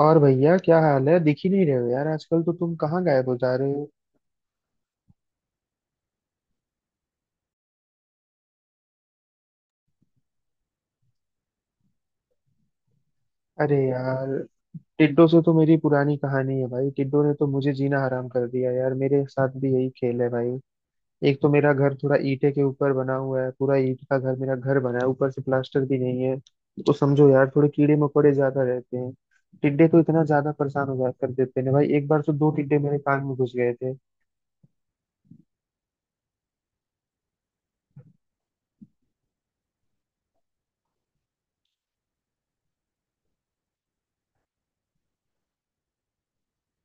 और भैया, क्या हाल है? दिख ही नहीं रहे हो यार आजकल। तो तुम कहाँ गायब हो जा रहे हो? अरे यार, टिड्डो से तो मेरी पुरानी कहानी है भाई। टिड्डो ने तो मुझे जीना हराम कर दिया यार। मेरे साथ भी यही खेल है भाई। एक तो मेरा घर थोड़ा ईंटे के ऊपर बना हुआ है, पूरा ईंट का घर मेरा घर बना है, ऊपर से प्लास्टर भी नहीं है। तो समझो यार, थोड़े कीड़े मकोड़े ज्यादा रहते हैं। टिड्डे तो इतना ज्यादा परेशान हो जा कर देते हैं ना भाई। एक बार तो दो टिड्डे मेरे कान में घुस गए थे।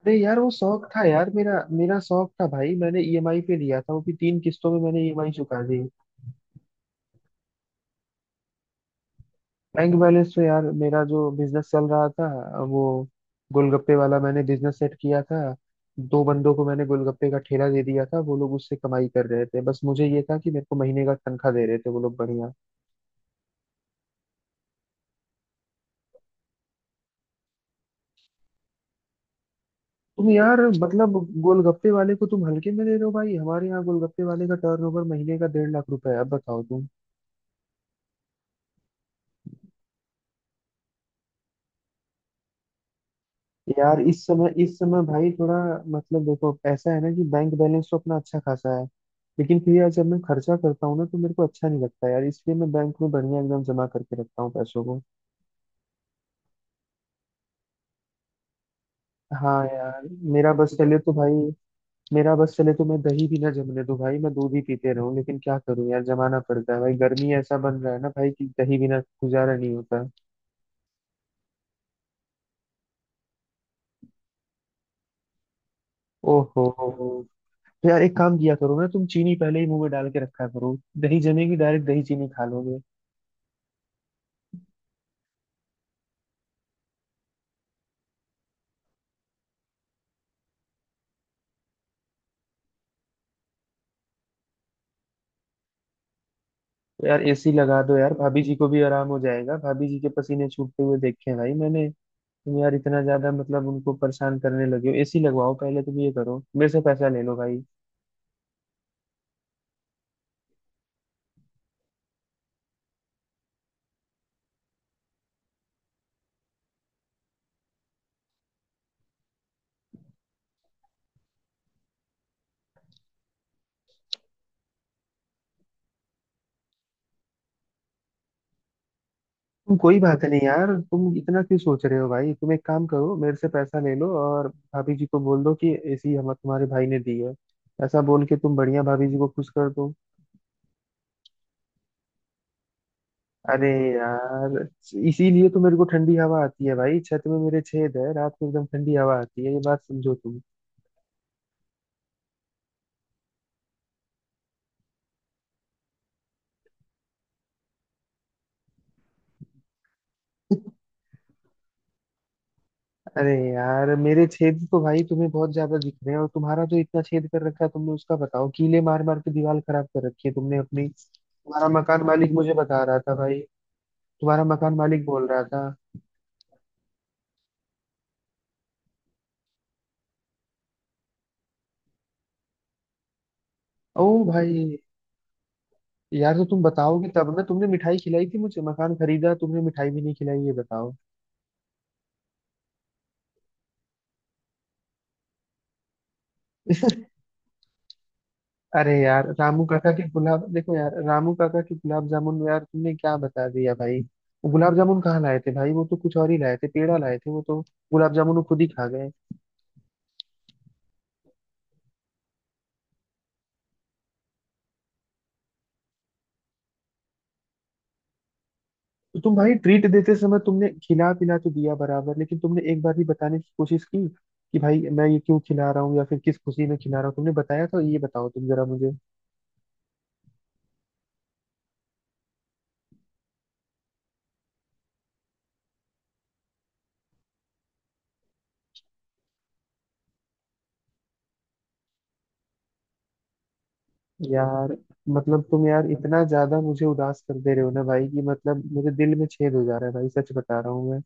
अरे यार वो शौक था यार मेरा। मेरा शौक था भाई, मैंने ईएमआई पे लिया था वो भी तीन किस्तों में, मैंने ईएमआई चुका दी। बैंक बैलेंस पे यार, मेरा जो बिजनेस चल रहा था वो गोलगप्पे वाला, मैंने बिजनेस सेट किया था। दो बंदों को मैंने गोलगप्पे का ठेला दे दिया था, वो लोग उससे कमाई कर रहे थे। बस मुझे ये था कि मेरे को महीने का तनख्वाह दे रहे थे वो लोग बढ़िया। तुम यार मतलब गोलगप्पे वाले को तुम हल्के में ले रहे हो भाई। हमारे यहाँ गोलगप्पे वाले का टर्नओवर महीने का 1.5 लाख रुपए है, अब बताओ तुम। यार इस समय भाई, थोड़ा मतलब देखो ऐसा है ना कि बैंक बैलेंस तो अपना अच्छा खासा है। लेकिन फिर यार जब मैं खर्चा करता हूँ ना तो मेरे को अच्छा नहीं लगता यार, इसलिए मैं बैंक में बढ़िया एकदम जमा करके रखता हूँ पैसों को। हाँ यार, मेरा बस चले तो भाई, मेरा बस चले तो मैं दही भी ना जमने दूं भाई, मैं दूध ही पीते रहूं। लेकिन क्या करूं यार, जमाना पड़ता है भाई, गर्मी ऐसा बन रहा है ना भाई कि दही बिना गुजारा नहीं होता। ओहो हो हो। तो यार एक काम किया करो ना, तुम चीनी पहले ही मुंह में डाल के रखा करो, दही जमेगी डायरेक्ट दही चीनी खा लोगे। तो यार एसी लगा दो यार, भाभी जी को भी आराम हो जाएगा। भाभी जी के पसीने छूटते हुए देखे हैं भाई मैंने। तुम यार इतना ज्यादा मतलब उनको परेशान करने लगे हो। एसी लगवाओ पहले तुम ये करो, मेरे से पैसा ले लो भाई। तुम कोई बात नहीं यार, तुम इतना क्यों सोच रहे हो भाई? तुम एक काम करो, मेरे से पैसा ले लो और भाभी जी को बोल दो कि एसी हम तुम्हारे भाई ने दी है। ऐसा बोल के तुम बढ़िया भाभी जी को खुश कर दो। अरे यार, इसीलिए तो मेरे को ठंडी हवा आती है भाई, छत में मेरे छेद है, रात को एकदम ठंडी हवा आती है, ये बात समझो तुम। अरे यार, मेरे छेद तो भाई तुम्हें बहुत ज्यादा दिख रहे हैं, और तुम्हारा जो इतना छेद कर रखा है तुमने उसका बताओ, कीले मार मार के दीवार खराब कर रखी है तुमने अपनी। तुम्हारा मकान मालिक मुझे बता रहा था भाई, तुम्हारा मकान मालिक बोल रहा था। ओ भाई यार, तो तुम बताओगे तब ना, तुमने मिठाई खिलाई थी मुझे? मकान खरीदा, तुमने मिठाई भी नहीं खिलाई, ये बताओ। अरे यार रामू काका के गुलाब देखो यार, रामू काका के गुलाब जामुन में यार तुमने क्या बता दिया भाई। वो गुलाब जामुन कहाँ लाए थे भाई, वो तो कुछ और ही लाए थे, पेड़ा लाए थे वो तो। गुलाब जामुन वो खुद ही खा गए। तो तुम भाई ट्रीट देते समय तुमने खिला पिला तो दिया बराबर, लेकिन तुमने एक बार भी बताने की कोशिश की कि भाई मैं ये क्यों खिला रहा हूँ या फिर किस खुशी में खिला रहा हूँ? तुमने बताया? तो ये बताओ तुम जरा मुझे। यार मतलब तुम यार इतना ज्यादा मुझे उदास कर दे रहे हो ना भाई कि मतलब मेरे दिल में छेद हो जा रहा है भाई, सच बता रहा हूँ मैं।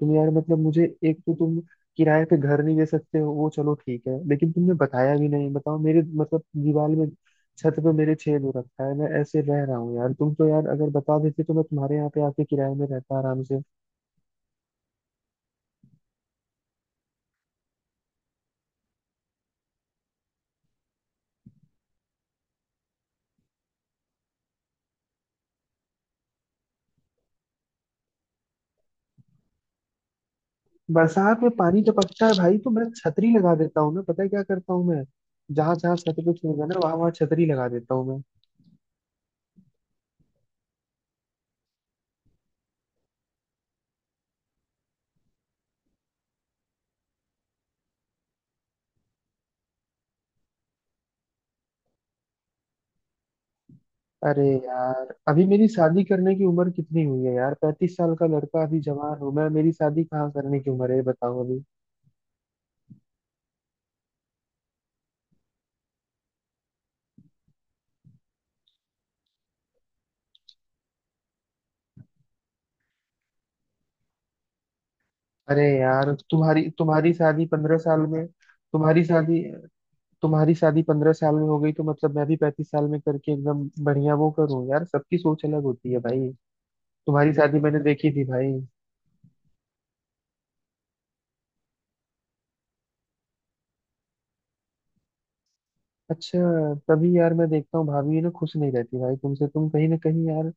तुम यार मतलब मुझे एक तो तुम किराए पे घर नहीं दे सकते हो, वो चलो ठीक है, लेकिन तुमने बताया भी नहीं, बताओ मेरे मतलब दीवार में, छत पे मेरे छेद हो रखा है, मैं ऐसे रह रहा हूँ यार। तुम तो यार अगर बता देते तो मैं तुम्हारे यहाँ पे आके किराए में रहता आराम से। बरसात में पानी टपकता है भाई तो मैं छतरी लगा देता हूँ ना, पता है क्या करता हूँ मैं? जहाँ जहाँ छत पे छेद है ना, वहां वहां छतरी लगा देता हूँ मैं। अरे यार, अभी मेरी शादी करने की उम्र कितनी हुई है यार? 35 साल का लड़का, अभी जवान हूँ मैं, मेरी शादी कहाँ करने की उम्र है, ये बताओ। अरे यार, तुम्हारी तुम्हारी शादी 15 साल में, तुम्हारी शादी तुम्हारी शादी 15 साल में हो गई तो मतलब मैं भी 35 साल में करके एकदम बढ़िया वो करूँ। यार, सबकी सोच अलग होती है भाई। तुम्हारी शादी मैंने देखी थी भाई। अच्छा, तभी यार मैं देखता हूँ भाभी ना खुश नहीं रहती भाई तुमसे, तुम कहीं ना कहीं यार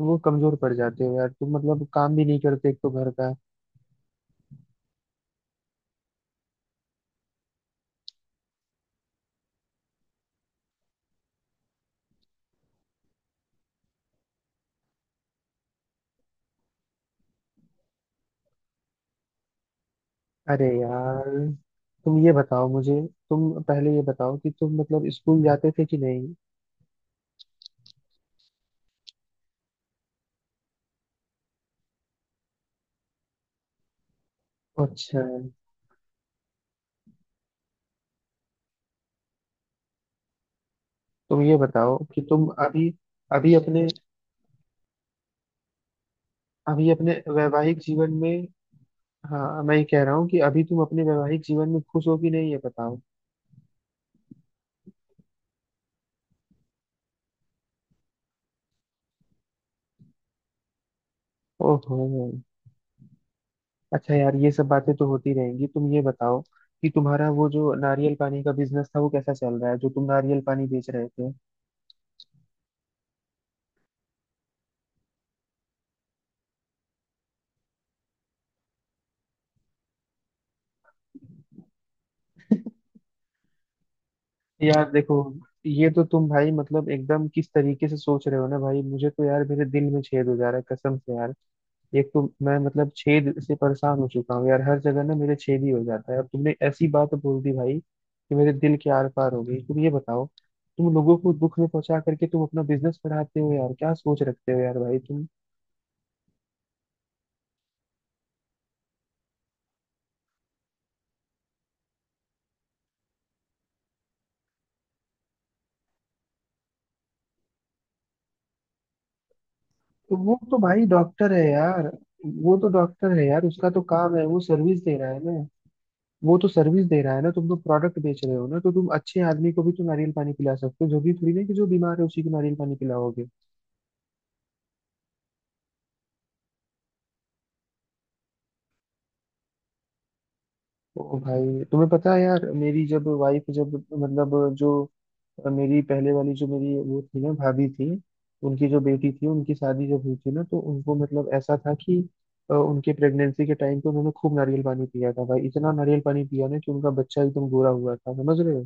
वो कमजोर पड़ जाते हो यार, तुम मतलब काम भी नहीं करते एक तो घर का। अरे यार, तुम ये बताओ मुझे, तुम पहले ये बताओ कि तुम मतलब स्कूल जाते थे कि नहीं? अच्छा। तुम ये बताओ कि तुम अभी, अभी अपने अभी अपने वैवाहिक जीवन में, हाँ मैं ये कह रहा हूँ कि अभी तुम अपने वैवाहिक जीवन में खुश हो कि नहीं, ये बताओ। ओहो, अच्छा यार, ये सब बातें तो होती रहेंगी। तुम ये बताओ कि तुम्हारा वो जो नारियल पानी का बिजनेस था वो कैसा चल रहा है, जो तुम नारियल पानी बेच रहे थे। यार देखो, ये तो तुम भाई मतलब एकदम किस तरीके से सोच रहे हो ना भाई, मुझे तो यार मेरे दिल में छेद हो जा रहा है कसम से यार। एक तो मैं मतलब छेद से परेशान हो चुका हूँ यार, हर जगह ना मेरे छेद ही हो जाता है, अब तुमने ऐसी बात बोल दी भाई कि मेरे दिल के आर पार हो गई। तुम ये बताओ, तुम लोगों को दुख में पहुंचा करके तुम अपना बिजनेस बढ़ाते हो यार, क्या सोच रखते हो यार भाई तुम? तो वो तो भाई डॉक्टर है यार, वो तो डॉक्टर है यार, उसका तो काम है, वो सर्विस दे रहा है ना। वो तो सर्विस दे रहा है ना, तुम तो प्रोडक्ट बेच रहे हो ना, तो तुम अच्छे आदमी को भी तो नारियल पानी पिला सकते हो, जरूरी थोड़ी ना कि जो बीमार है उसी को नारियल पानी पिलाओगे। ओ भाई तुम्हें पता है यार, मेरी जब वाइफ जब मतलब जो मेरी पहले वाली जो मेरी वो थी ना भाभी थी, उनकी जो बेटी थी, उनकी शादी जब हुई थी ना, तो उनको मतलब ऐसा था कि उनके प्रेगनेंसी के टाइम पे उन्होंने खूब नारियल पानी पिया था भाई, इतना नारियल पानी पिया ना कि उनका बच्चा एकदम गोरा हुआ था, समझ रहे हो।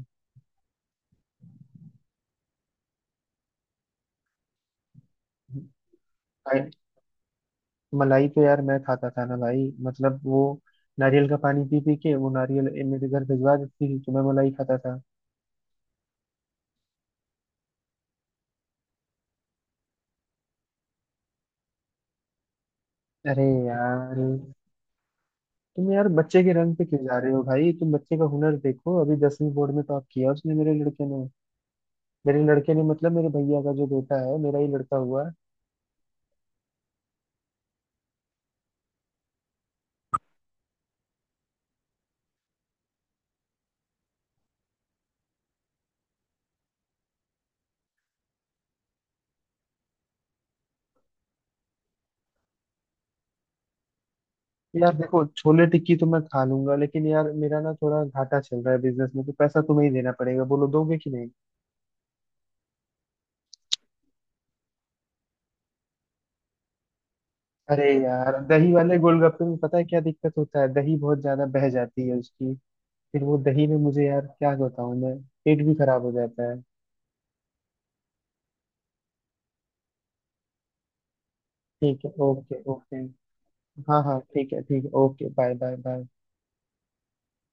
भाई, मलाई तो यार मैं खाता था ना भाई, मतलब वो नारियल का पानी पी पी के वो नारियल मेरे घर भिजवा देती थी तो मैं मलाई खाता था। अरे यार, तुम यार बच्चे के रंग पे क्यों जा रहे हो भाई? तुम बच्चे का हुनर देखो, अभी 10वीं बोर्ड में टॉप किया उसने, मेरे लड़के ने। मेरे लड़के ने मतलब मेरे भैया का जो बेटा है, मेरा ही लड़का हुआ है। यार देखो, छोले टिक्की तो मैं खा लूंगा, लेकिन यार मेरा ना थोड़ा घाटा चल रहा है बिजनेस में, तो पैसा तुम्हें ही देना पड़ेगा, बोलो दोगे कि नहीं? अरे यार, दही वाले गोलगप्पे में पता है क्या दिक्कत होता है, दही बहुत ज्यादा बह जाती है उसकी, फिर वो दही में मुझे यार क्या बताऊं मैं, पेट भी खराब हो जाता है। ठीक है, ओके ओके। हाँ हाँ, ठीक है ठीक है, ओके, बाय बाय बाय।